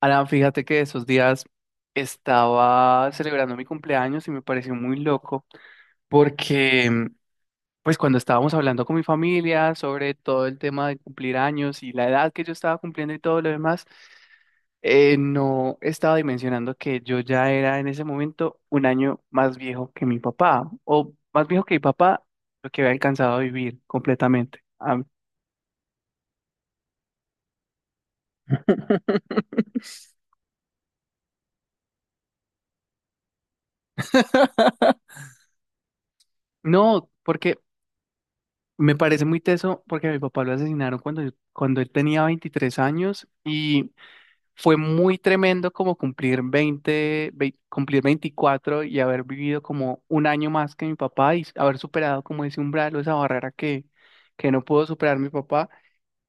Alan, fíjate que esos días estaba celebrando mi cumpleaños y me pareció muy loco porque pues cuando estábamos hablando con mi familia sobre todo el tema de cumplir años y la edad que yo estaba cumpliendo y todo lo demás, no estaba dimensionando que yo ya era en ese momento un año más viejo que mi papá, o más viejo que mi papá, lo que había alcanzado a vivir completamente. No, porque me parece muy teso porque a mi papá lo asesinaron cuando, cuando él tenía 23 años y fue muy tremendo como cumplir 20, cumplir 24 y haber vivido como un año más que mi papá y haber superado como ese umbral o esa barrera que no pudo superar mi papá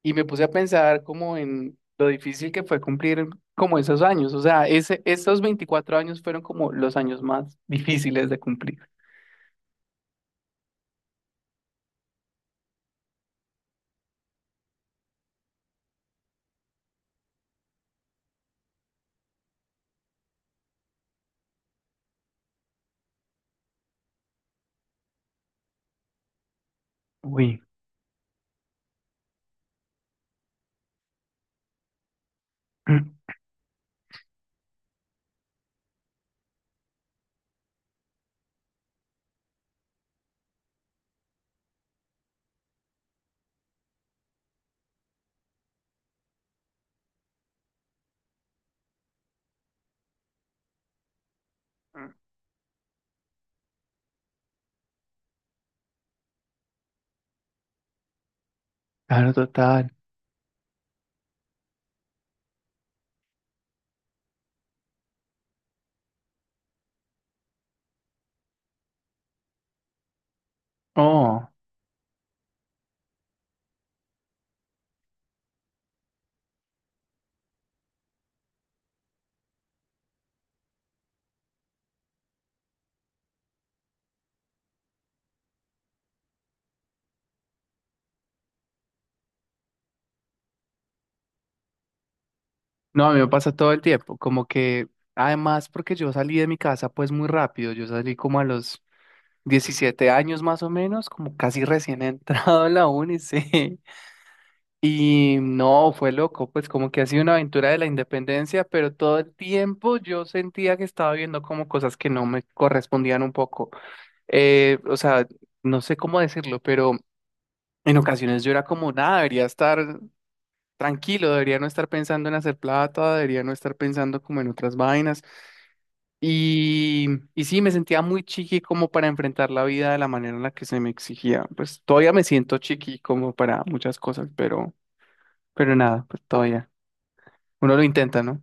y me puse a pensar como en lo difícil que fue cumplir como esos años. O sea, esos 24 años fueron como los años más difíciles de cumplir. Uy. Claro, total. Oh. No, a mí me pasa todo el tiempo, como que además porque yo salí de mi casa pues muy rápido, yo salí como a los 17 años más o menos, como casi recién entrado en la uni, sí. Y no, fue loco, pues como que ha sido una aventura de la independencia, pero todo el tiempo yo sentía que estaba viendo como cosas que no me correspondían un poco. O sea, no sé cómo decirlo, pero en ocasiones yo era como, nada, debería estar tranquilo, debería no estar pensando en hacer plata, debería no estar pensando como en otras vainas. Y, y sí, me sentía muy chiqui como para enfrentar la vida de la manera en la que se me exigía. Pues todavía me siento chiqui como para muchas cosas, pero nada, pues todavía. Uno lo intenta, ¿no?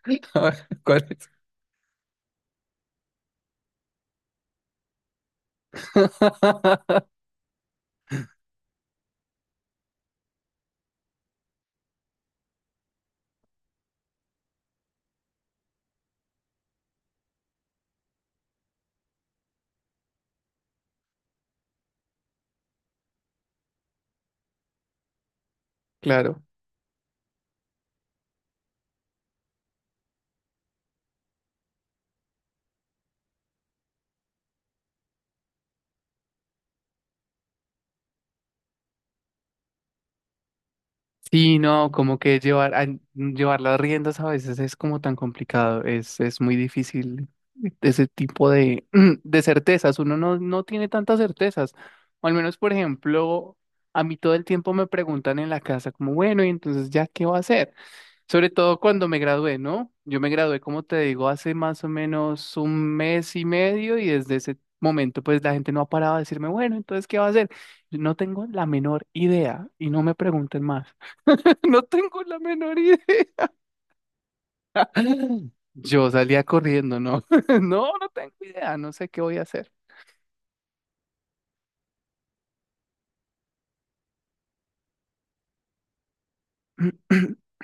A ver, ¿cuál es? Claro. Sí, no, como que llevar las riendas a veces es como tan complicado, es muy difícil ese tipo de, de certezas, uno no, no tiene tantas certezas, o al menos, por ejemplo, a mí todo el tiempo me preguntan en la casa como, bueno, y entonces ya, ¿qué va a hacer? Sobre todo cuando me gradué, ¿no? Yo me gradué, como te digo, hace más o menos un mes y medio y desde ese momento pues la gente no ha parado de decirme, bueno, entonces, ¿qué va a hacer? No tengo la menor idea y no me pregunten más. No tengo la menor idea. Yo salía corriendo, ¿no? No, no tengo idea, no sé qué voy a hacer.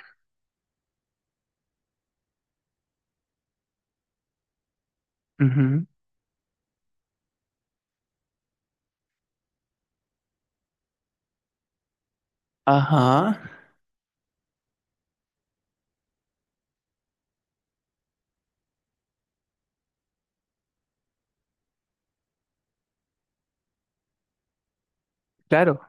Ujú. Ajá, claro.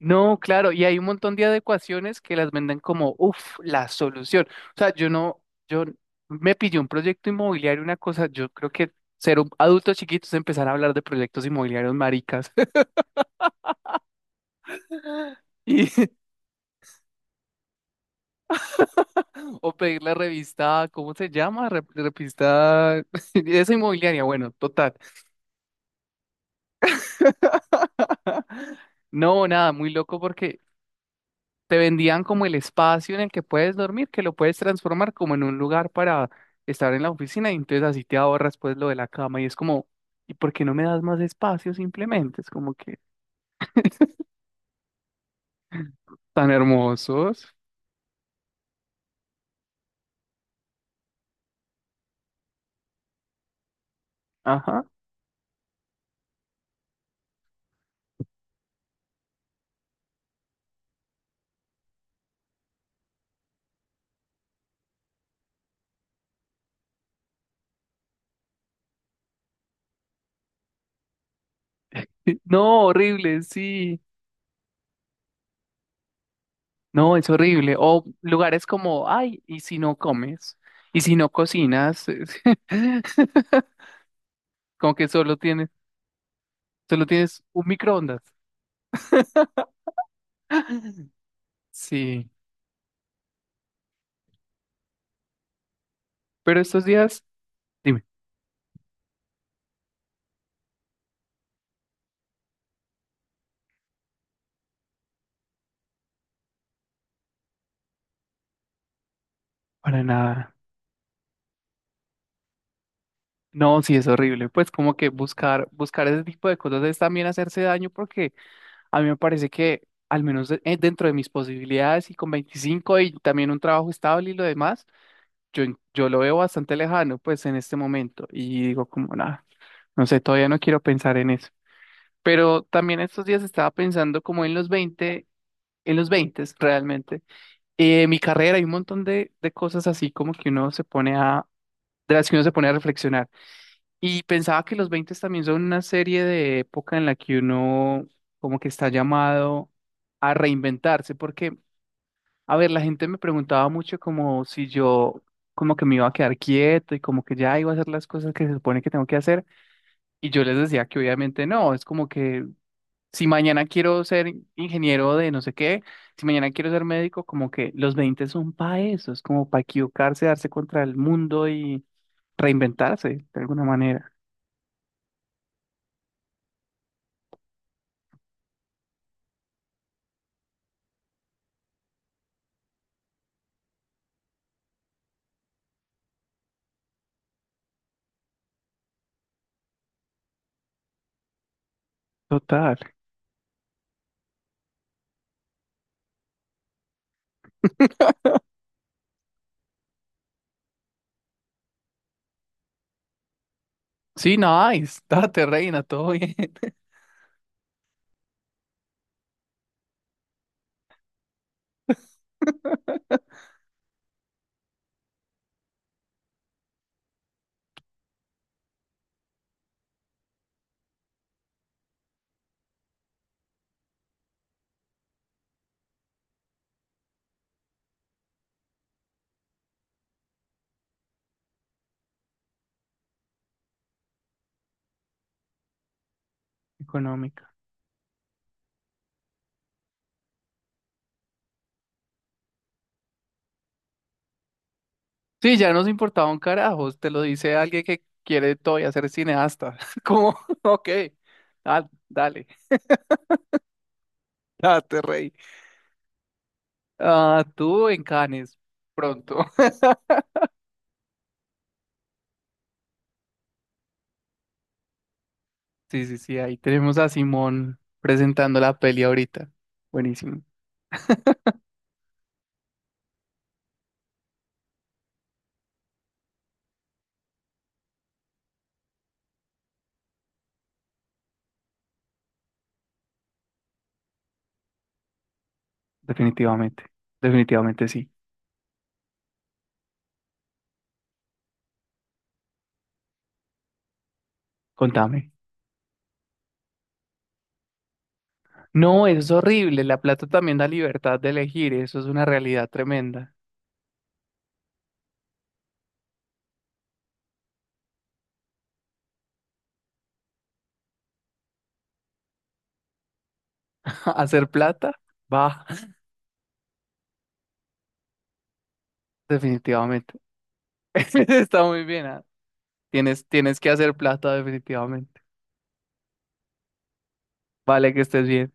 No, claro, y hay un montón de adecuaciones que las venden como, uff, la solución. O sea, yo no, yo me pillé un proyecto inmobiliario, una cosa, yo creo que ser un adulto chiquito es empezar a hablar de proyectos inmobiliarios maricas. Y o pedir la revista, ¿cómo se llama? Revista esa inmobiliaria, bueno, total. No, nada, muy loco porque te vendían como el espacio en el que puedes dormir, que lo puedes transformar como en un lugar para estar en la oficina y entonces así te ahorras pues lo de la cama y es como, ¿y por qué no me das más espacio simplemente? Es como que… Tan hermosos. Ajá. Sí. No, horrible, sí. No, es horrible. O lugares como, ay, ¿y si no comes? ¿Y si no cocinas? Como que solo tienes un microondas. Sí, pero estos días… Dime. Para nada. No, sí es horrible. Pues como que buscar, buscar ese tipo de cosas es también hacerse daño porque a mí me parece que al menos dentro de mis posibilidades y con 25 y también un trabajo estable y lo demás, yo lo veo bastante lejano pues en este momento y digo como nada, no sé, todavía no quiero pensar en eso. Pero también estos días estaba pensando como en los veinte, en los 20 realmente. Mi carrera hay un montón de cosas así como que uno se pone a, de las que uno se pone a reflexionar. Y pensaba que los 20 también son una serie de época en la que uno como que está llamado a reinventarse, porque, a ver, la gente me preguntaba mucho como si yo como que me iba a quedar quieto y como que ya iba a hacer las cosas que se supone que tengo que hacer, y yo les decía que obviamente no, es como que si mañana quiero ser ingeniero de no sé qué, si mañana quiero ser médico, como que los 20 son para eso, es como para equivocarse, darse contra el mundo y reinventarse de alguna manera. Total. Sí, nice. Date, reina, todo bien. Económica. Sí, ya nos importaba un carajo. Te lo dice alguien que quiere todavía ser cineasta. Como, ok, dale, dale, date, rey. Ah, tú en Cannes, pronto. Sí, sí, sí, ahí tenemos a Simón presentando la peli ahorita. Buenísimo. Definitivamente, definitivamente sí. Contame. No, eso es horrible. La plata también da libertad de elegir. Eso es una realidad tremenda. Hacer plata, va, definitivamente. Está muy bien, ah. Tienes, tienes que hacer plata definitivamente. Vale, que estés bien.